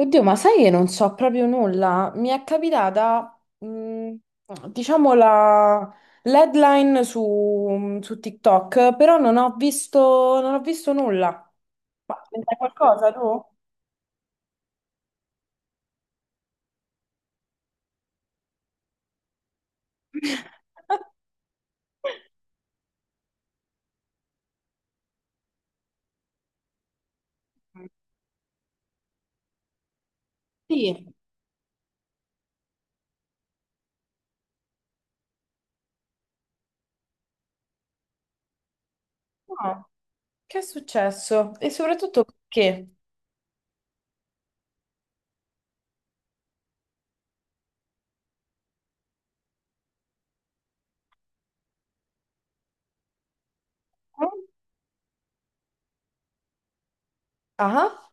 Oddio, ma sai che non so proprio nulla? Mi è capitata, diciamo, la l'headline su TikTok, però non ho visto, non ho visto nulla. Ma c'è qualcosa tu? Sì. No. Che è successo? E soprattutto perché? Ah?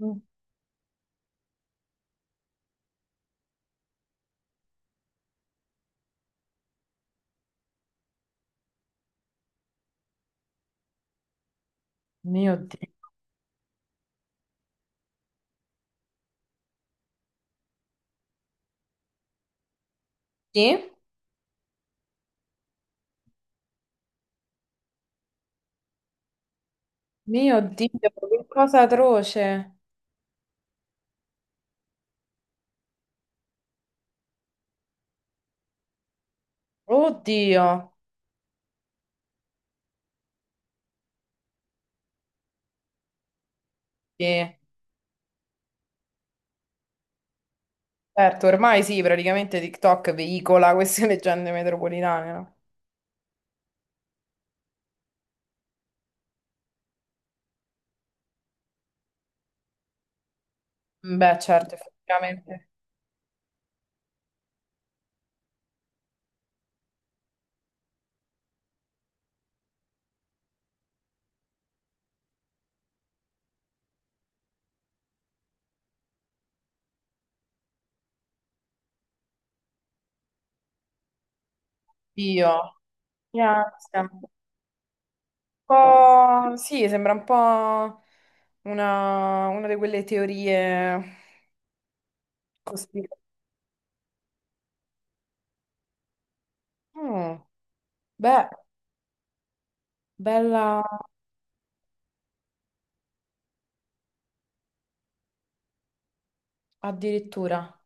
Mm. Mio Dio. Sì? Mio Dio, che cosa atroce. Oddio. Sì. Certo, ormai sì, praticamente TikTok veicola queste leggende metropolitane, no? Beh, certo, effettivamente. Io. Yeah, sembra un po'... Sì, sembra un po' una di quelle teorie cospirative. Mm, beh, bella addirittura.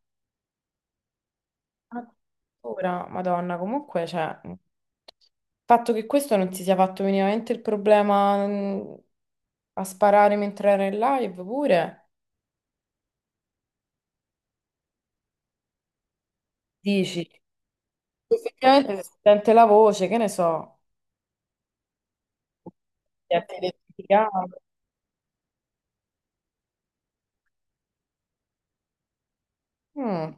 Addirittura, Madonna, comunque, cioè... Il fatto che questo non si sia fatto minimamente il problema a sparare mentre era in live pure... Dici, effettivamente si sente la voce, che ne so, ti ha identificato. Mm,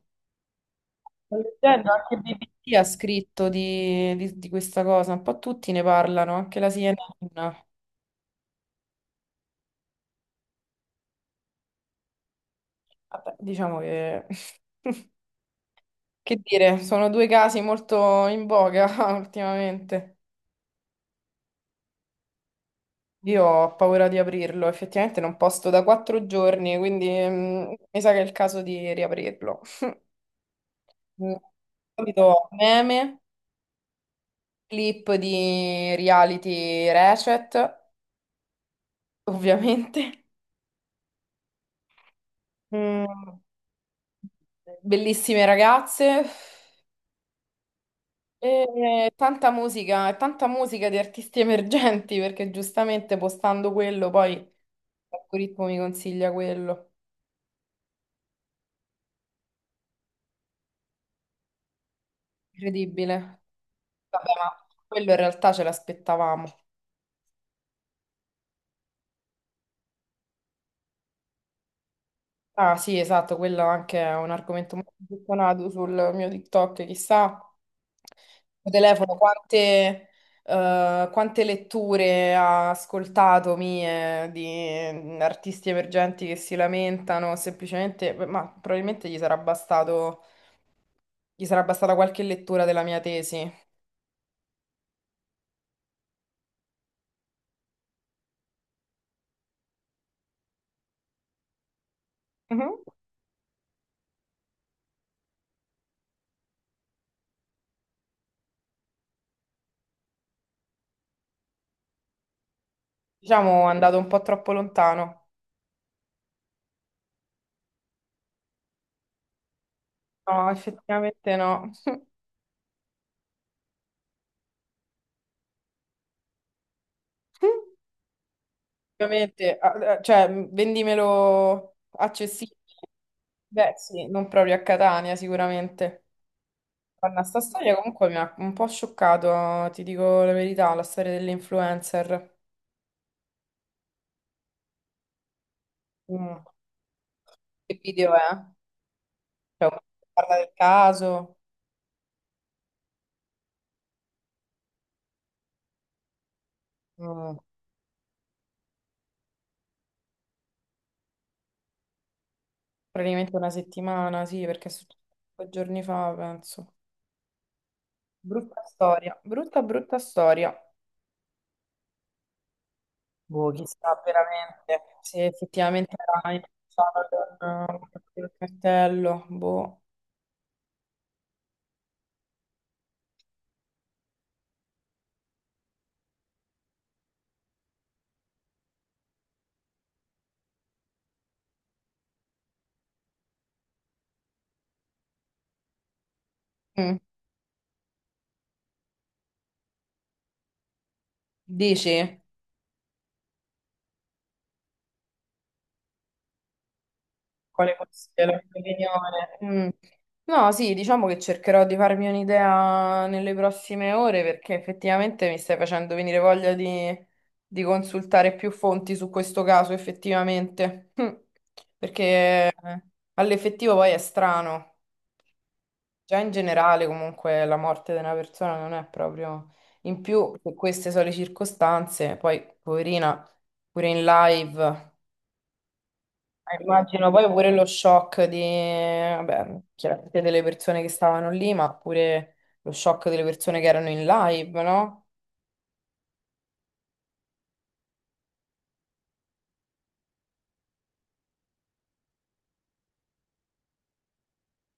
sto leggendo, anche BBC ha scritto di, di questa cosa, un po' tutti ne parlano, anche la CNN. Vabbè, diciamo che... Che dire, sono due casi molto in voga ultimamente. Io ho paura di aprirlo, effettivamente non posto da quattro giorni, quindi mi sa che è il caso di riaprirlo. Mm, di solito meme, clip di reality Ratchet, ovviamente. Mm, bellissime ragazze. E tanta musica di artisti emergenti, perché giustamente postando quello, poi l'algoritmo mi consiglia quello. Incredibile. Vabbè, ma quello in realtà ce l'aspettavamo. Ah sì, esatto, quello anche è un argomento molto gettonato sul mio TikTok, chissà, il telefono, quante, quante letture ha ascoltato mie di artisti emergenti che si lamentano, semplicemente, ma probabilmente gli sarà bastato, gli sarà bastata qualche lettura della mia tesi. Mhm. Diciamo, è andato un po' troppo lontano. No, effettivamente no. Ovviamente, cioè, vendimelo accessibile. Beh, sì, non proprio a Catania, sicuramente. Guarda, sta storia comunque mi ha un po' scioccato, ti dico la verità, la storia dell'influencer. Mm. Che video è? Cioè, parla del caso. Mm, praticamente una settimana, sì, perché è successo due giorni fa, penso. Brutta storia, brutta, brutta storia. Boh, chissà veramente se effettivamente era influenzato con il cartello. Boh. Mm. Dici? Quale fosse la tua opinione? Mm. No, sì, diciamo che cercherò di farmi un'idea nelle prossime ore perché effettivamente mi stai facendo venire voglia di consultare più fonti su questo caso, effettivamente. Mm. Perché all'effettivo poi è strano. Già in generale, comunque, la morte di una persona non è proprio... In più, se queste sono le circostanze, poi, poverina, pure in live, immagino poi pure lo shock di... Vabbè, chiaramente delle persone che stavano lì, ma pure lo shock delle persone che erano in live, no?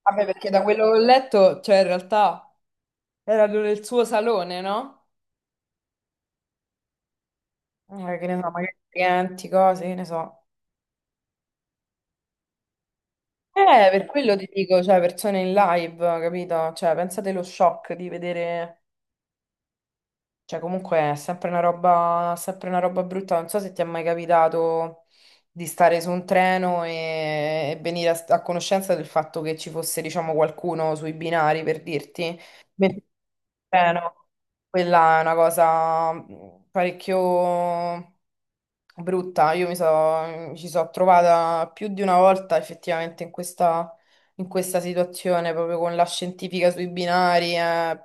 Vabbè, perché da quello che ho letto, cioè, in realtà, erano nel suo salone, no? Che ne so, magari clienti, cose, che ne so. Per quello ti dico, cioè, persone in live, capito? Cioè, pensate lo shock di vedere... Cioè, comunque è sempre una roba brutta. Non so se ti è mai capitato di stare su un treno e venire a, a conoscenza del fatto che ci fosse, diciamo, qualcuno sui binari, per dirti. No, quella è una cosa parecchio brutta. Mi ci sono trovata più di una volta effettivamente in questa situazione, proprio con la scientifica sui binari. Eh,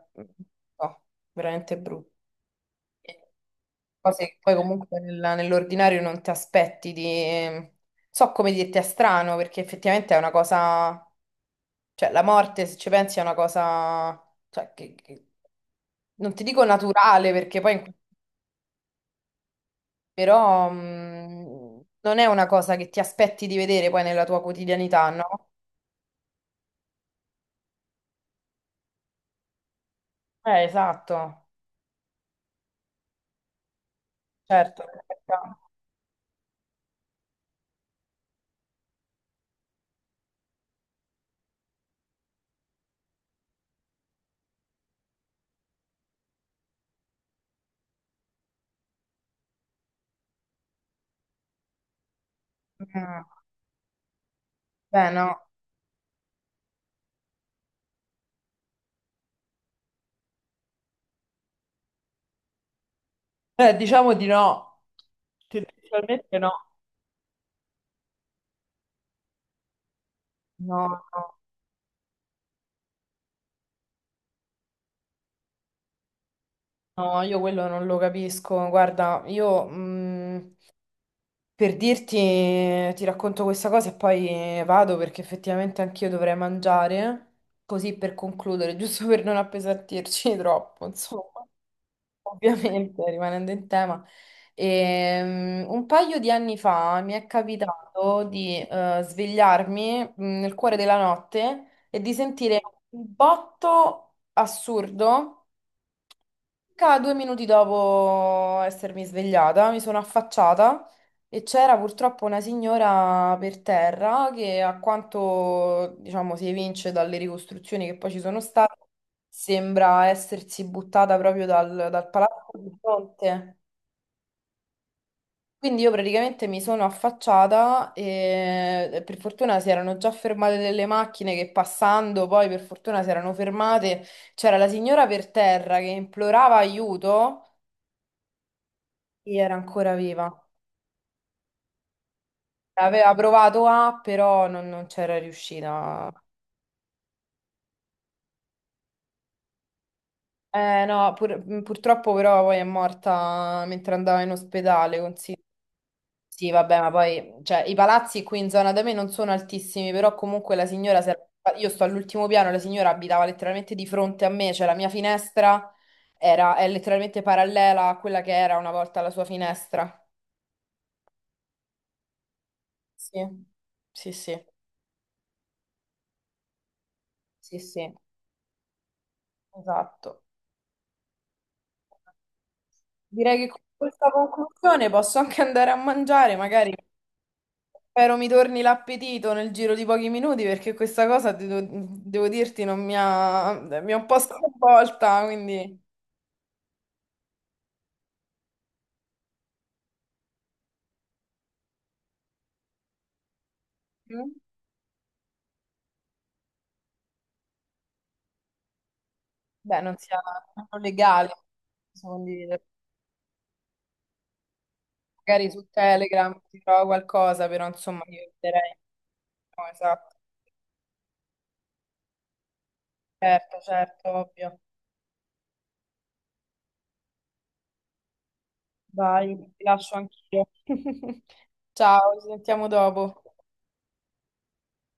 no, veramente brutta eh, cose che poi comunque nell'ordinario non ti aspetti di... So come dirti è strano, perché effettivamente è una cosa... Cioè, la morte, se ci pensi, è una cosa... Cioè, non ti dico naturale, perché poi... Però non è una cosa che ti aspetti di vedere poi nella tua quotidianità, no? Esatto, certo. Mm, beh, no. Diciamo di no. Ufficialmente no. No, no. No, io quello non lo capisco. Guarda, io, per dirti, ti racconto questa cosa e poi vado perché effettivamente anch'io dovrei mangiare, così per concludere, giusto per non appesantirci troppo, insomma, ovviamente rimanendo in tema. Un paio di anni fa mi è capitato di svegliarmi nel cuore della notte e di sentire un botto assurdo. Circa due minuti dopo essermi svegliata, mi sono affacciata e c'era purtroppo una signora per terra che, a quanto diciamo si evince dalle ricostruzioni che poi ci sono state, sembra essersi buttata proprio dal palazzo di fronte. Quindi io praticamente mi sono affacciata e per fortuna si erano già fermate delle macchine che passando poi per fortuna si erano fermate. C'era la signora per terra che implorava aiuto e era ancora viva. Aveva provato a, però non c'era riuscita. No, purtroppo però poi è morta mentre andava in ospedale, considera. Sì, vabbè, ma poi cioè, i palazzi qui in zona da me non sono altissimi, però comunque la signora, se- io sto all'ultimo piano, la signora abitava letteralmente di fronte a me, cioè la mia finestra è letteralmente parallela a quella che era una volta la sua finestra. Sì, sì, sì, sì, sì, esatto. Direi che con questa conclusione posso anche andare a mangiare, magari. Spero mi torni l'appetito nel giro di pochi minuti perché questa cosa, devo dirti, non mi ha, mi ha un po' sconvolta, quindi... Mm, beh, non sia non legale posso condividere. Magari su Telegram si trova qualcosa, però insomma io eviterei. No, esatto, certo, certo, ovvio. Vai, ti lascio anch'io. Ciao, ci sentiamo dopo.